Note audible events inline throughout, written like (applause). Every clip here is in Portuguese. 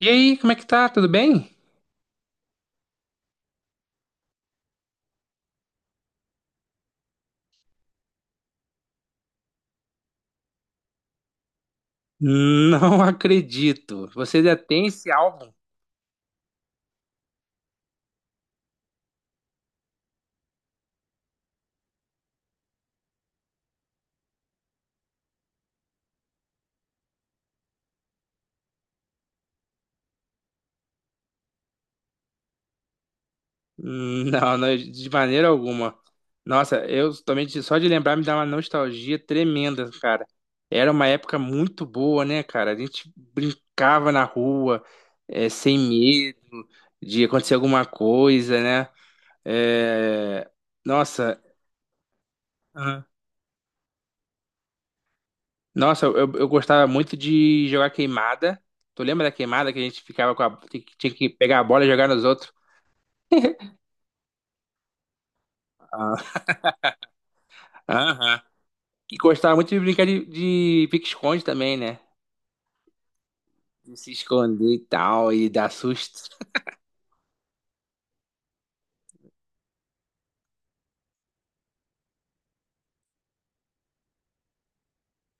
E aí, como é que tá? Tudo bem? Não (laughs) acredito. Você já tem esse álbum? Não, não, de maneira alguma. Nossa, eu também só de lembrar me dá uma nostalgia tremenda, cara. Era uma época muito boa, né, cara? A gente brincava na rua, sem medo de acontecer alguma coisa, né? Eh, Nossa. Nossa, eu gostava muito de jogar queimada. Tu lembra da queimada que a gente ficava com a que Tinha que pegar a bola e jogar nos outros? (laughs) Ah. Aham. E gostava muito de brincar de pique-esconde também, né? De se esconder e tal, e dar susto.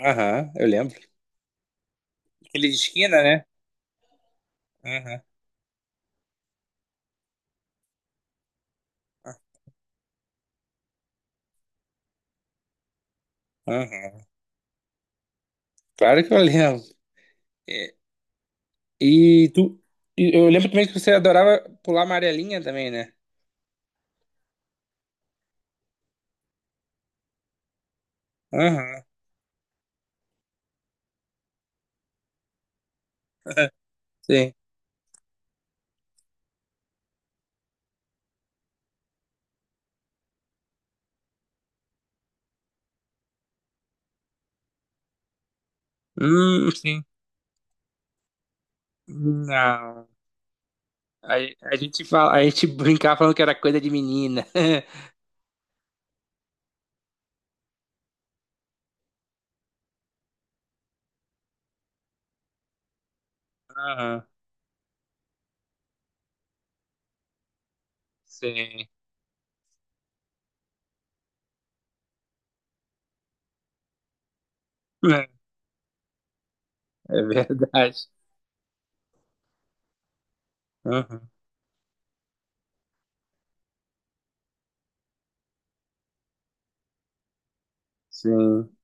Aham, eu lembro. Aquele de esquina, né? Aham, aham. Claro que eu lembro. É, E, tu. E eu lembro também que você adorava pular amarelinha também, né? Aham, (laughs) sim. Sim. Não. A, a gente fala, a gente brincava falando que era coisa de menina. (laughs) Aham, sim. É, é verdade. Aham, sim.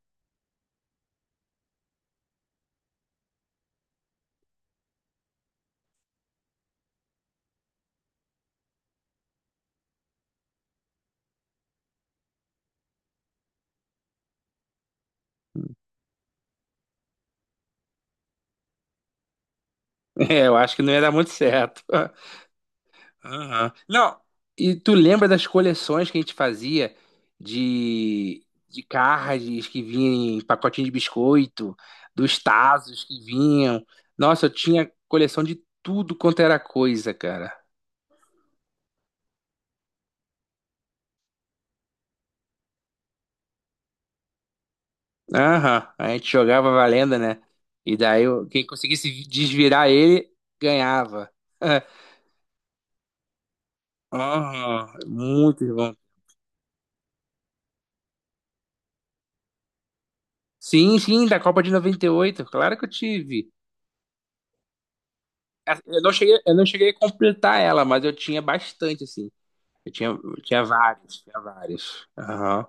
É, eu acho que não ia dar muito certo. (laughs) Aham. Não, e tu lembra das coleções que a gente fazia de cards que vinham em pacotinho de biscoito, dos tazos que vinham? Nossa, eu tinha coleção de tudo quanto era coisa, cara. Aham, a gente jogava valendo, né? E daí quem conseguisse desvirar ele ganhava. (laughs) Aham, muito bom. Sim, sim, da Copa de 98. Claro que eu tive. Ah, eu não cheguei a completar ela, mas eu tinha bastante, assim. Eu tinha vários, tinha vários. Aham.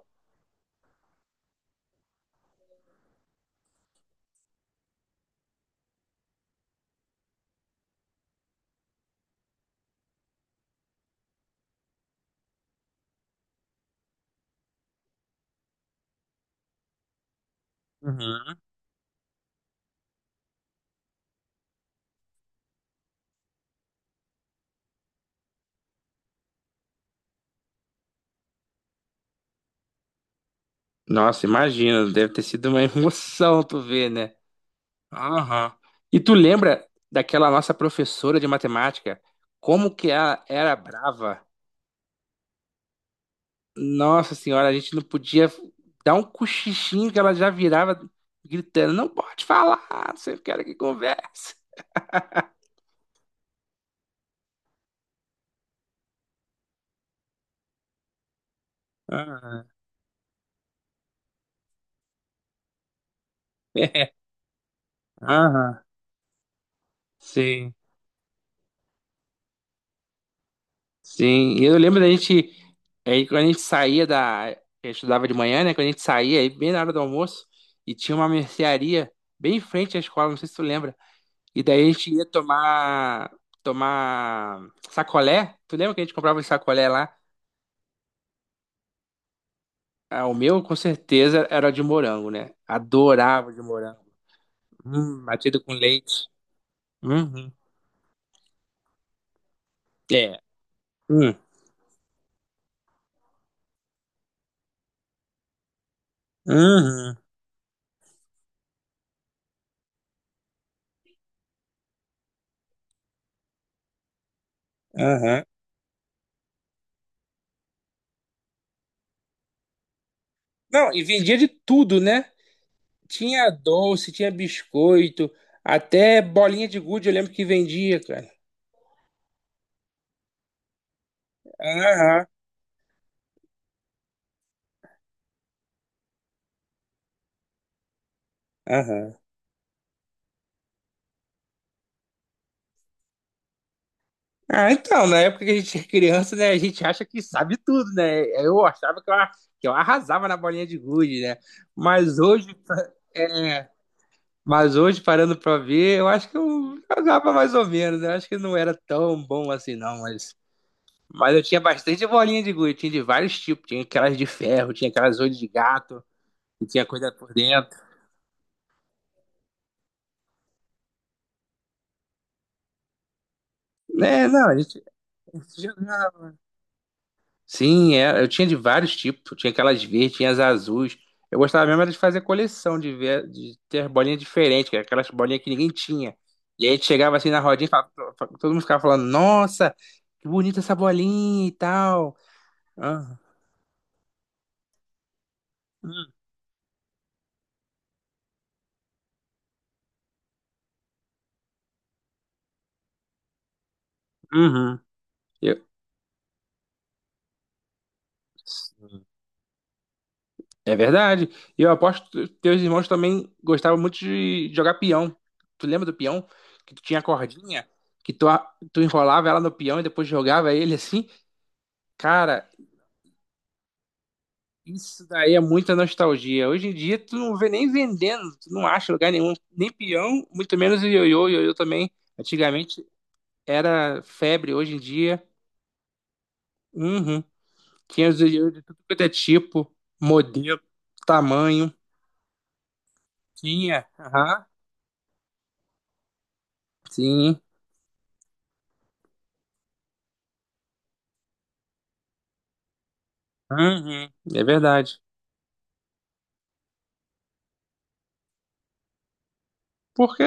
Uhum. Nossa, imagina, deve ter sido uma (laughs) emoção tu ver, né? Aham. E tu lembra daquela nossa professora de matemática? Como que ela era brava? Nossa senhora, a gente não podia dar um cochichinho que ela já virava gritando, não pode falar, você quer que converse. Ah, é, aham, sim, sim. E eu lembro da gente, aí quando a gente saía da, eu estudava de manhã, né? Quando a gente saía, aí bem na hora do almoço, e tinha uma mercearia bem em frente à escola, não sei se tu lembra. E daí a gente ia tomar sacolé. Tu lembra que a gente comprava um sacolé lá? Ah, o meu, com certeza, era de morango, né? Adorava de morango. Batido com leite. Uhum. É. Hum. Uhum. Aham. Não, e vendia de tudo, né? Tinha doce, tinha biscoito, até bolinha de gude, eu lembro que vendia, cara. Aham. Aham. Ah, então, na época que a gente é criança, né, a gente acha que sabe tudo, né? Eu achava que eu arrasava na bolinha de gude, né? Mas hoje, (laughs) é, mas hoje, parando pra ver, eu acho que eu jogava mais ou menos. Né? Eu acho que não era tão bom assim, não. Mas eu tinha bastante bolinha de gude. Tinha de vários tipos. Tinha aquelas de ferro, tinha aquelas olho de gato, que tinha coisa por dentro. É, não, a gente jogava. Sim, é, eu tinha de vários tipos. Tinha aquelas verdes, tinha as azuis. Eu gostava mesmo era de fazer coleção, de ver, de ter bolinha diferente, que era aquelas bolinhas que ninguém tinha. E aí a gente chegava assim na rodinha e todo mundo ficava falando, nossa, que bonita essa bolinha e tal. Aham. Uhum. Eu- É verdade. E eu aposto que teus irmãos também gostavam muito de jogar peão. Tu lembra do peão? Que tu tinha a cordinha, que tu enrolava ela no peão e depois jogava ele assim? Cara, isso daí é muita nostalgia. Hoje em dia tu não vê nem vendendo, tu não acha em lugar nenhum, nem peão, muito menos o ioiô. O ioiô também, antigamente era febre, hoje em dia, uhum, tinha os ioiô de tudo quanto é tipo, modelo, tamanho. Tinha, aham, sim, uhum, é verdade. Porque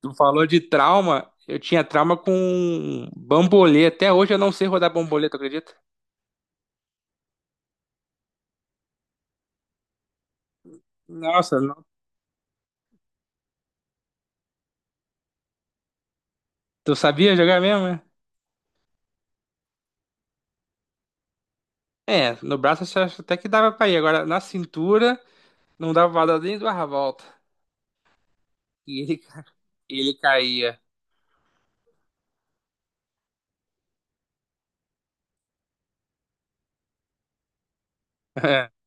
tu falou de trauma, eu tinha trauma com bambolê. Até hoje eu não sei rodar bambolê, tu acredita? Nossa, não. Tu sabia jogar mesmo, né? É, no braço eu acho até que dava pra ir. Agora, na cintura, não dava pra dar nem duas voltas. E ele caía. (laughs)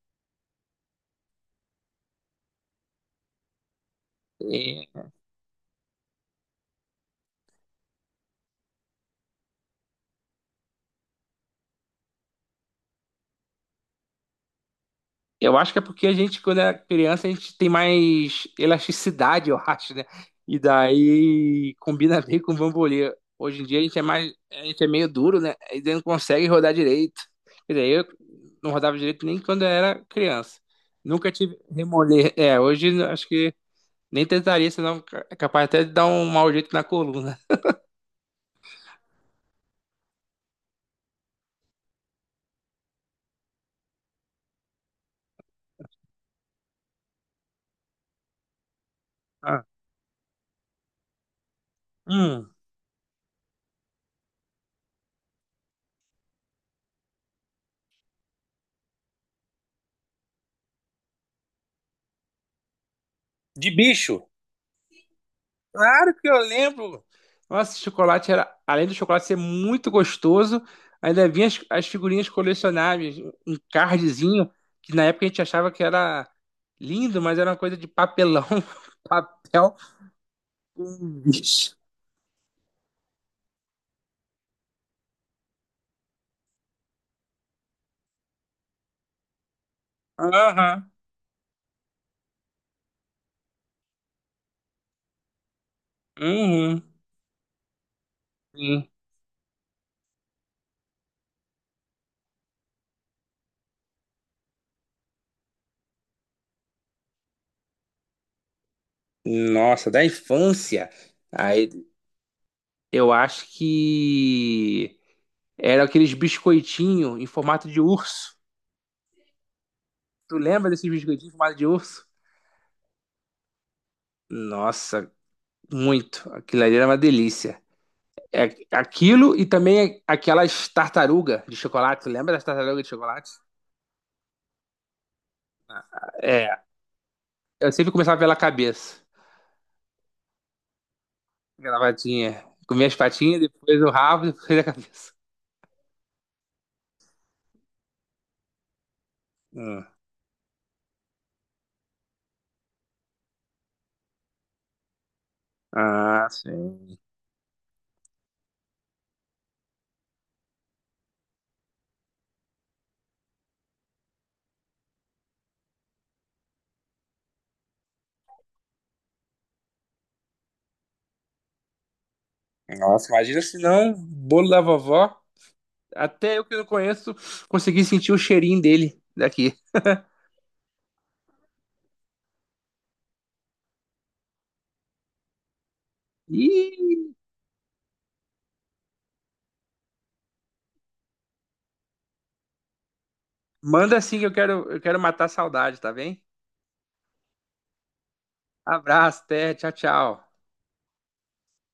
Eu acho que é porque a gente, quando é criança, a gente tem mais elasticidade, (laughs) eu acho, né? E daí combina (laughs) bem com o bambolê. Hoje em dia a gente é mais, a gente é meio duro, né? E daí não consegue rodar direito. Quer dizer, eu não rodava direito nem quando eu era criança. Nunca tive remolê. É, hoje acho que nem tentaria, senão é capaz até de dar um mau jeito na coluna. Ah, hum, de bicho. Claro que eu lembro. Nossa, esse chocolate era, além do chocolate ser muito gostoso, ainda vinha as figurinhas colecionáveis, um cardzinho, que na época a gente achava que era lindo, mas era uma coisa de papelão, (laughs) papel com bicho. Aham. Uhum. Sim. Nossa, da infância. Aí, eu acho que era aqueles biscoitinhos em formato de urso. Tu lembra desses biscoitinhos em formato de urso? Nossa, muito. Aquilo ali era uma delícia. É aquilo e também aquelas tartaruga de chocolate. Lembra das tartarugas de chocolate? É. Eu sempre começava pela cabeça. Gravatinha. Comia as patinhas, depois o rabo, depois a cabeça. Hum. Ah, sim. Nossa, imagina se não, bolo da vovó. Até eu que não conheço, consegui sentir o cheirinho dele daqui. Ih, manda assim que eu quero matar a saudade, tá bem? Abraço, até, tchau, tchau.